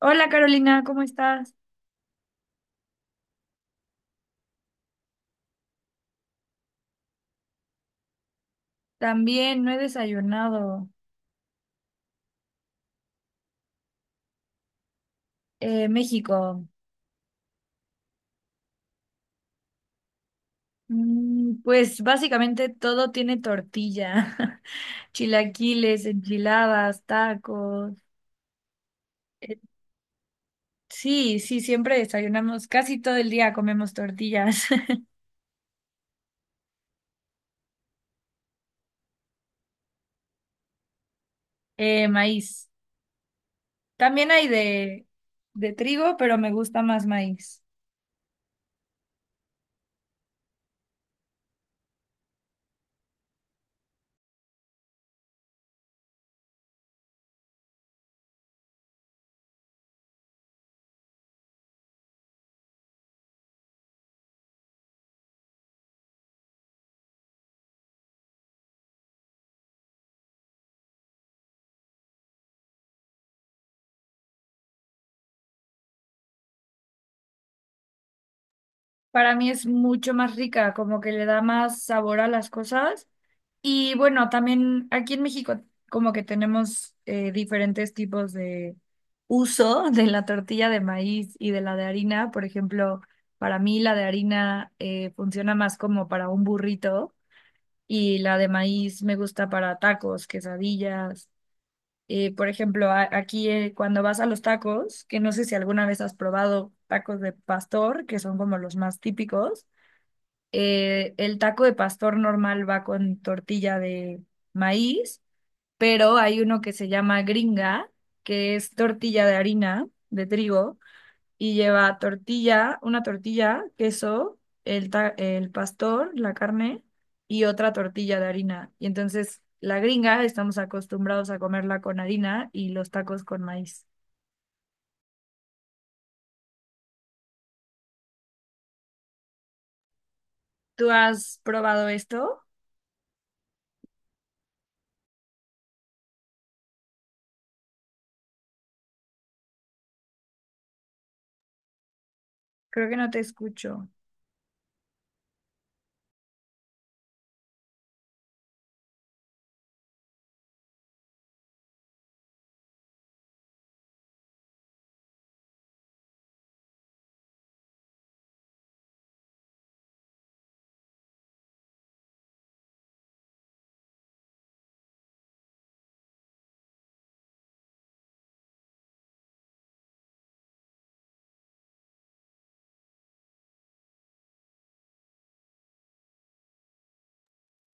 Hola Carolina, ¿cómo estás? También no he desayunado. México. Pues básicamente todo tiene tortilla. Chilaquiles, enchiladas, tacos. Eh, sí, sí, siempre desayunamos. Casi todo el día comemos tortillas. Maíz. También hay de, de trigo, pero me gusta más maíz. Para mí es mucho más rica, como que le da más sabor a las cosas. Y bueno, también aquí en México como que tenemos diferentes tipos de uso de la tortilla de maíz y de la de harina. Por ejemplo, para mí la de harina funciona más como para un burrito y la de maíz me gusta para tacos, quesadillas. Por ejemplo, aquí cuando vas a los tacos, que no sé si alguna vez has probado tacos de pastor, que son como los más típicos, el taco de pastor normal va con tortilla de maíz, pero hay uno que se llama gringa, que es tortilla de harina, de trigo, y lleva tortilla, una tortilla, queso, el pastor, la carne, y otra tortilla de harina. Y entonces la gringa estamos acostumbrados a comerla con harina y los tacos con maíz. ¿Tú has probado esto? Creo que no te escucho.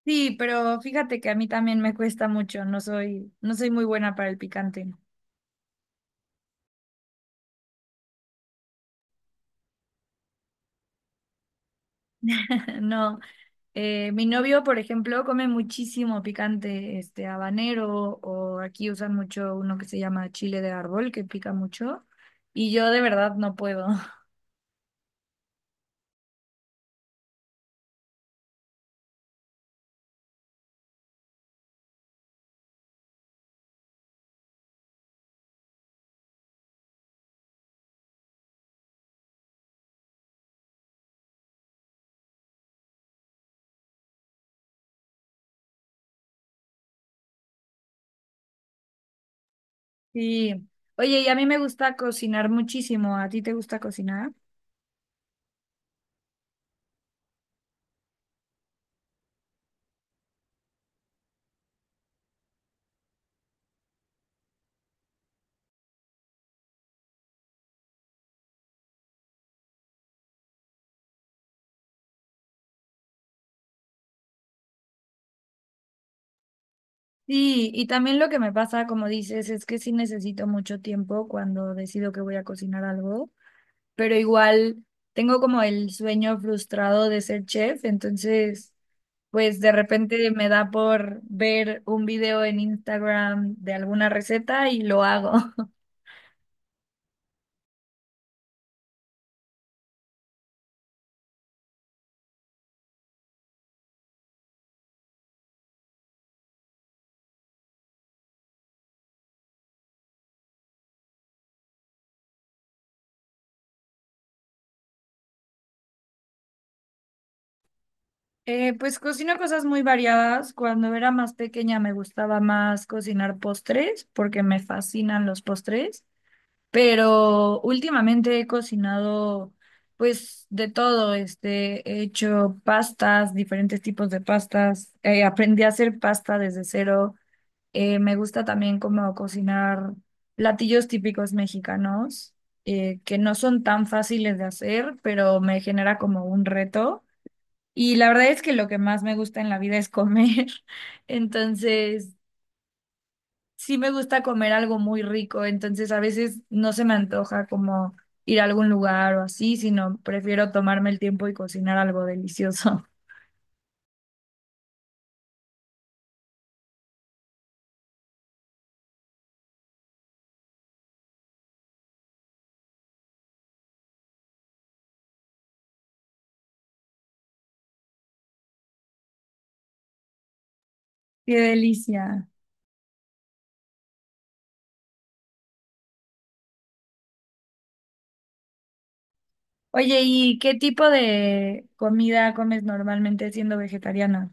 Sí, pero fíjate que a mí también me cuesta mucho, no soy muy buena para el picante. No, mi novio, por ejemplo, come muchísimo picante, este habanero, o aquí usan mucho uno que se llama chile de árbol, que pica mucho, y yo de verdad no puedo. Sí. Oye, y a mí me gusta cocinar muchísimo, ¿a ti te gusta cocinar? Sí, y también lo que me pasa, como dices, es que sí necesito mucho tiempo cuando decido que voy a cocinar algo, pero igual tengo como el sueño frustrado de ser chef, entonces pues de repente me da por ver un video en Instagram de alguna receta y lo hago. Pues cocino cosas muy variadas. Cuando era más pequeña me gustaba más cocinar postres porque me fascinan los postres. Pero últimamente he cocinado pues de todo, este, he hecho pastas, diferentes tipos de pastas, aprendí a hacer pasta desde cero. Me gusta también como cocinar platillos típicos mexicanos, que no son tan fáciles de hacer, pero me genera como un reto. Y la verdad es que lo que más me gusta en la vida es comer. Entonces sí me gusta comer algo muy rico, entonces a veces no se me antoja como ir a algún lugar o así, sino prefiero tomarme el tiempo y cocinar algo delicioso. Qué delicia. Oye, ¿y qué tipo de comida comes normalmente siendo vegetariana?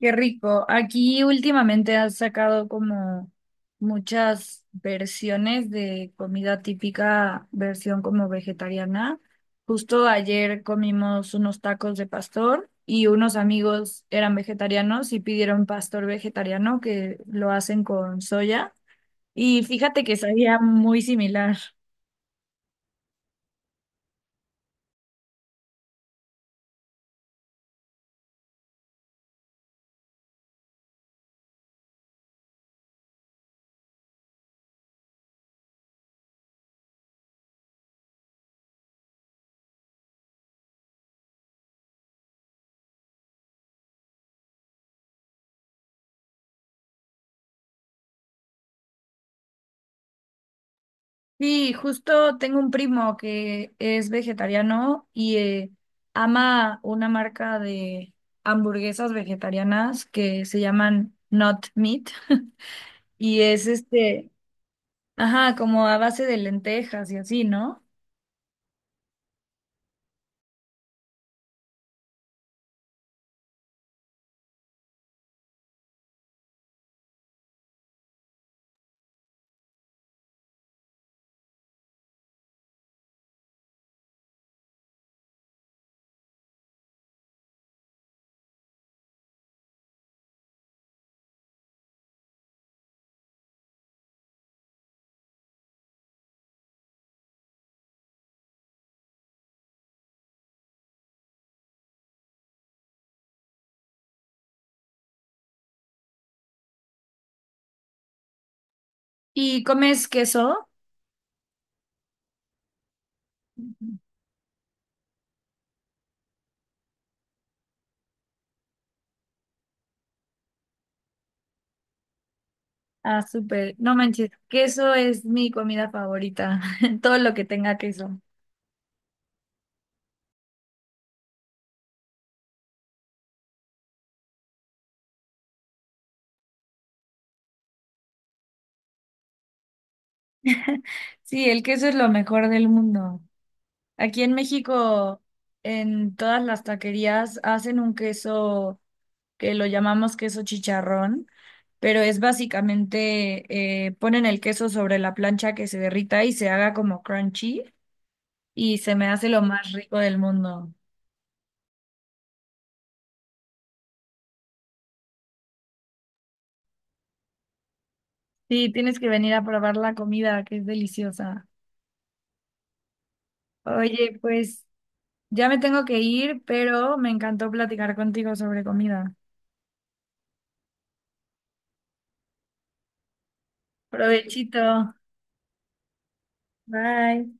Qué rico. Aquí últimamente has sacado como muchas versiones de comida típica, versión como vegetariana. Justo ayer comimos unos tacos de pastor y unos amigos eran vegetarianos y pidieron pastor vegetariano que lo hacen con soya. Y fíjate que sabía muy similar. Sí, justo tengo un primo que es vegetariano y ama una marca de hamburguesas vegetarianas que se llaman Not Meat y es este, ajá, como a base de lentejas y así, ¿no? ¿Y comes queso? Ujú. Ah, súper. No manches, queso es mi comida favorita, todo lo que tenga queso. Sí, el queso es lo mejor del mundo. Aquí en México, en todas las taquerías hacen un queso que lo llamamos queso chicharrón, pero es básicamente, ponen el queso sobre la plancha que se derrita y se haga como crunchy y se me hace lo más rico del mundo. Sí, tienes que venir a probar la comida, que es deliciosa. Oye, pues ya me tengo que ir, pero me encantó platicar contigo sobre comida. Provechito. Bye.